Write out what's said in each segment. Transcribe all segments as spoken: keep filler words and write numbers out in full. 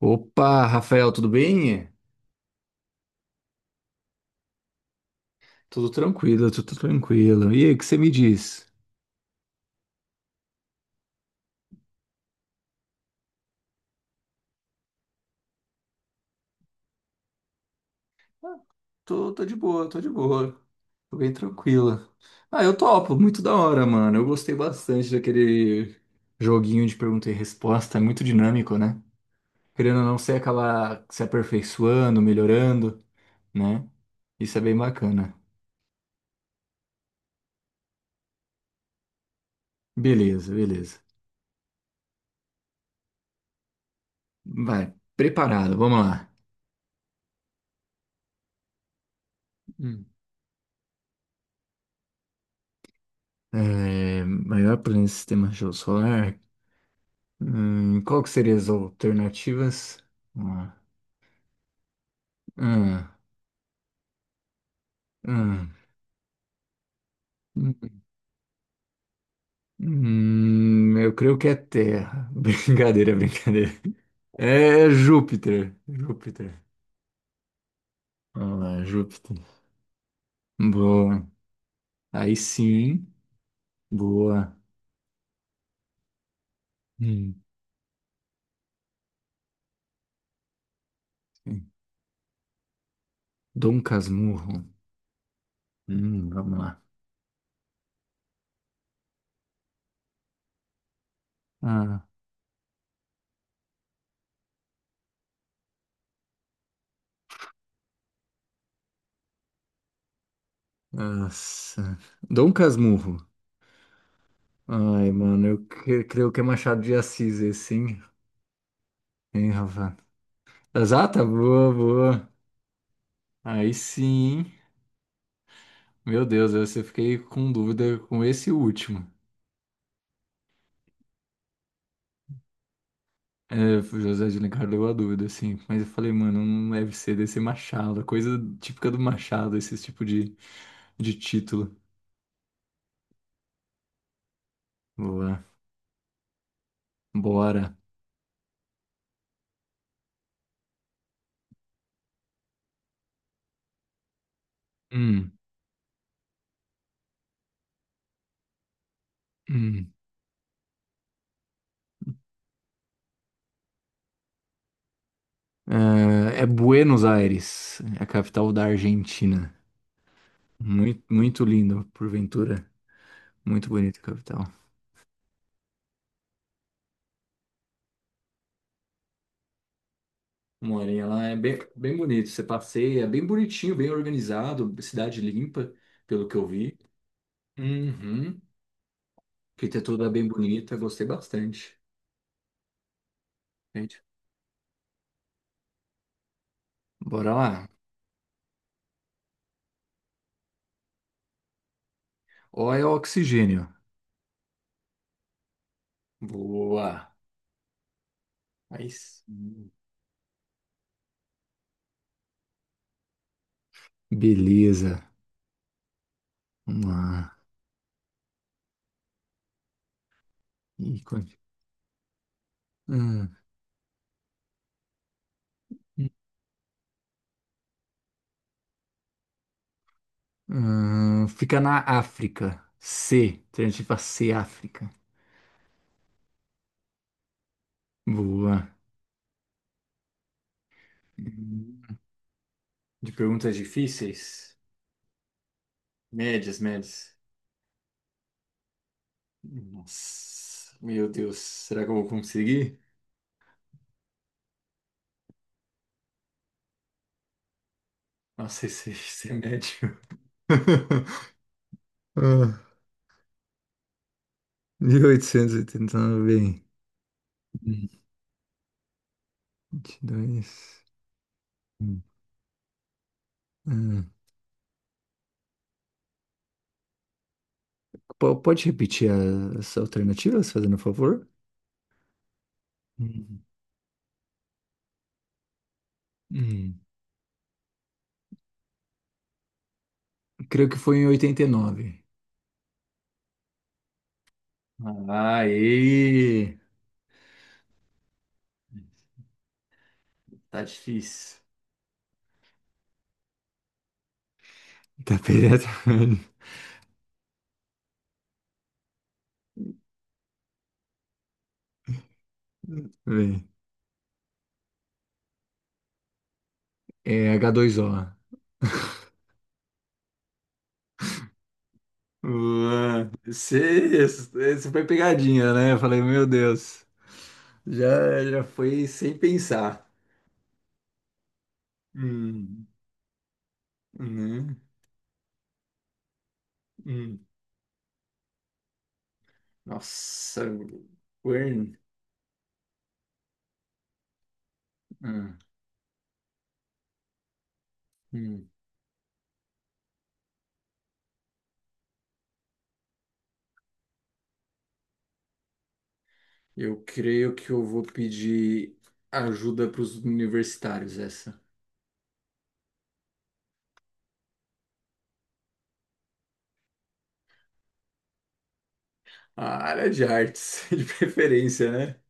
Opa, Rafael, tudo bem? Tudo tranquilo, tudo tranquilo. E aí, o que você me diz? Ah, Tô, tô de boa, tô de boa. Tô bem tranquila. Ah, eu topo, muito da hora, mano. Eu gostei bastante daquele joguinho de pergunta e resposta, é muito dinâmico, né? Querendo ou não, você acaba se aperfeiçoando, melhorando, né? Isso é bem bacana. Beleza, beleza. Vai, preparado, vamos lá. Hum. É, maior planeta do sistema solar, hum, qual que seria as alternativas? Ah. Ah. Ah. Hum. Hum, eu creio que é Terra. Brincadeira, brincadeira. É Júpiter. Júpiter. Vamos lá, Júpiter. Boa. Aí sim. Boa. Hum, sim. Dom Casmurro. Hum, vamos lá. Ah, nossa. Dom Casmurro. Ai, mano, eu cre- creio que é Machado de Assis esse, hein? Hein, Rafa? Exata, boa, boa. Aí sim, meu Deus, eu eu fiquei com dúvida com esse último. É, o José de Alencar deu a dúvida, assim. Mas eu falei, mano, não deve ser desse Machado. Coisa típica do Machado, esse tipo de, de título. Vamos lá. Bora. Hum, hum. É, é Buenos Aires, é a capital da Argentina. Muito, muito lindo, porventura. Muito bonito capital. Morinha lá é bem, bem bonito. Você passeia, bem bonitinho, bem organizado, cidade limpa, pelo que eu vi. Uhum. Arquitetura bem bonita, gostei bastante. Gente, bora lá. O é oxigênio. Boa. Aí, hum, beleza. Vamos lá. Ícone. Hum, hum, fica na África. C. Alternativa C, África. Boa. Hum, de perguntas difíceis, médias, médias. Nossa, meu Deus, será que eu vou conseguir? Nossa, esse, esse é médio. Ah. mil oitocentos e oitenta e nove, hum. vinte e dois. Ah, po- pode repetir a- as alternativas, fazendo favor? Hum. Hum. Creio que foi em oitenta e nove. Aê! Tá difícil. Tá perto, velho. É h dois o. Ué, Você você foi pegadinha, né? Eu falei, meu Deus. Já, já foi sem pensar. Hum, né? Hum. Nossa, Gwen. Ah, hum. Eu creio que eu vou pedir ajuda para os universitários, essa. A área de artes, de preferência, né?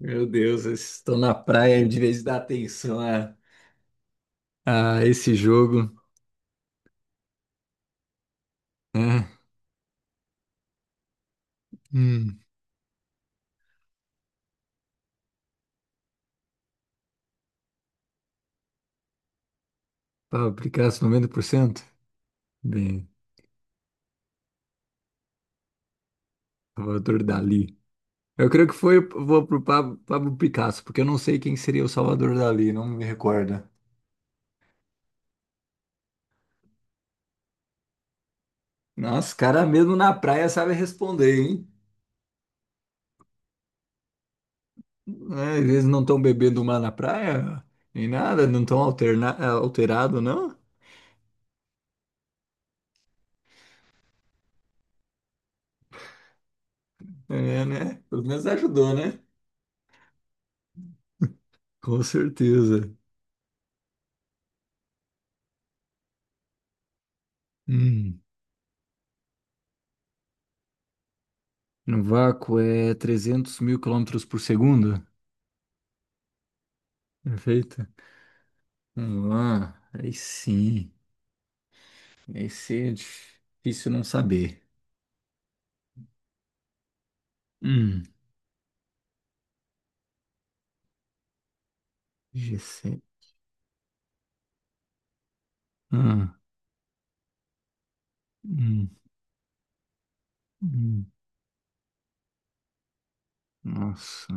Meu Deus, eles estão na praia de vez de dar atenção a, a esse jogo, né? Hum. Para aplicar noventa por cento? Bem, Salvador Dali. Eu creio que foi, vou pro Pablo, Pablo Picasso, porque eu não sei quem seria o Salvador Dali, não me recorda. Nossa, cara mesmo na praia sabe responder, hein? Né? Às vezes não estão bebendo mar na praia, nem nada, não estão alterna... eh, alterado, não? É, né? Pelo menos ajudou, né? Com certeza. Hum. No vácuo é trezentos mil quilômetros por segundo? Perfeito. Vamos lá. Aí sim. Esse é difícil não saber. Hum. G sete. Ah. Hum. Hum. Nossa.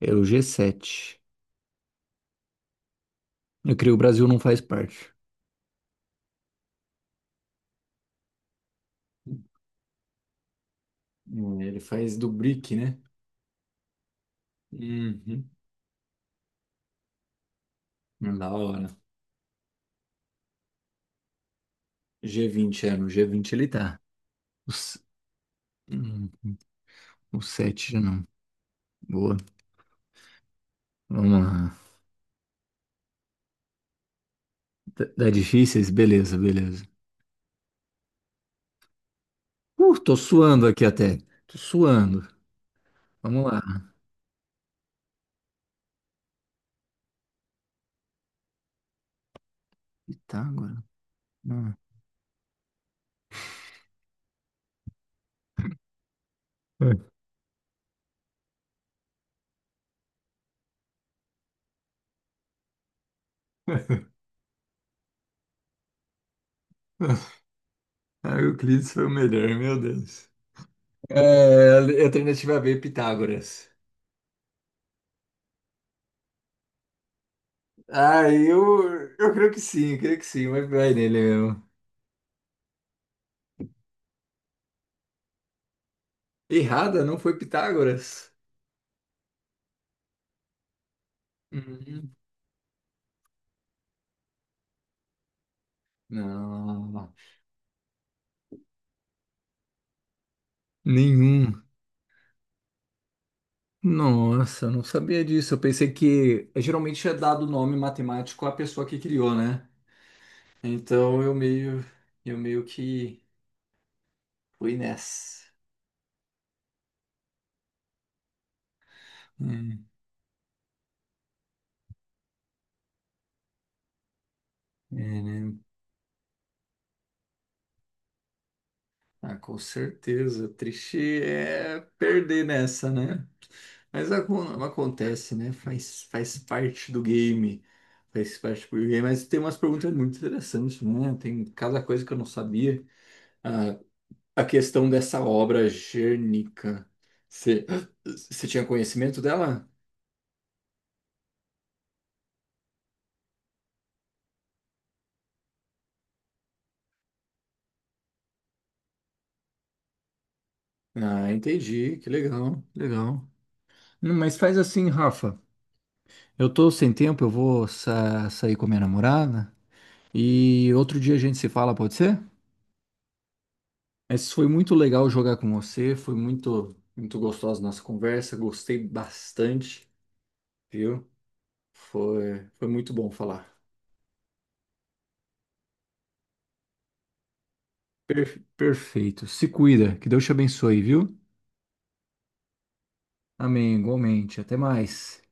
É o G sete. Eu creio que o Brasil não faz parte. Hum, Ele faz do BRIC, né? Uhum. Hum, da hora. G vinte, é, no G vinte ele tá. O, s- hum, o sete já não. Boa. Vamos lá. Tá tá difíceis? Beleza, beleza. Uh, tô suando aqui até. Tô suando. Vamos lá. Pitágoras. Não. Ah, Euclides foi o melhor, meu Deus. É, alternativa B, Pitágoras. Ah, eu, eu creio que sim, eu creio que sim, mas vai nele mesmo. Errada, não foi Pitágoras? Uhum. Não, nenhum. Nossa, não sabia disso. Eu pensei que é, geralmente é dado o nome matemático à pessoa que criou, né? Então eu meio, eu meio que fui nessa. Hum, é, né? Ah, com certeza. Triste é perder nessa, né? Mas acon- acontece, né? Faz, faz parte do game. Faz parte do game. Mas tem umas perguntas muito interessantes, né? Tem cada coisa que eu não sabia. Ah, a questão dessa obra Gernica. Você você tinha conhecimento dela? Ah, entendi. Que legal, legal. Hum, Mas faz assim, Rafa. Eu tô sem tempo, eu vou sa- sair com a minha namorada. E outro dia a gente se fala, pode ser? Mas foi muito legal jogar com você, foi muito, muito gostosa a nossa conversa, gostei bastante, viu? Foi, foi muito bom falar. Per- perfeito. Se cuida, que Deus te abençoe, viu? Amém, igualmente. Até mais.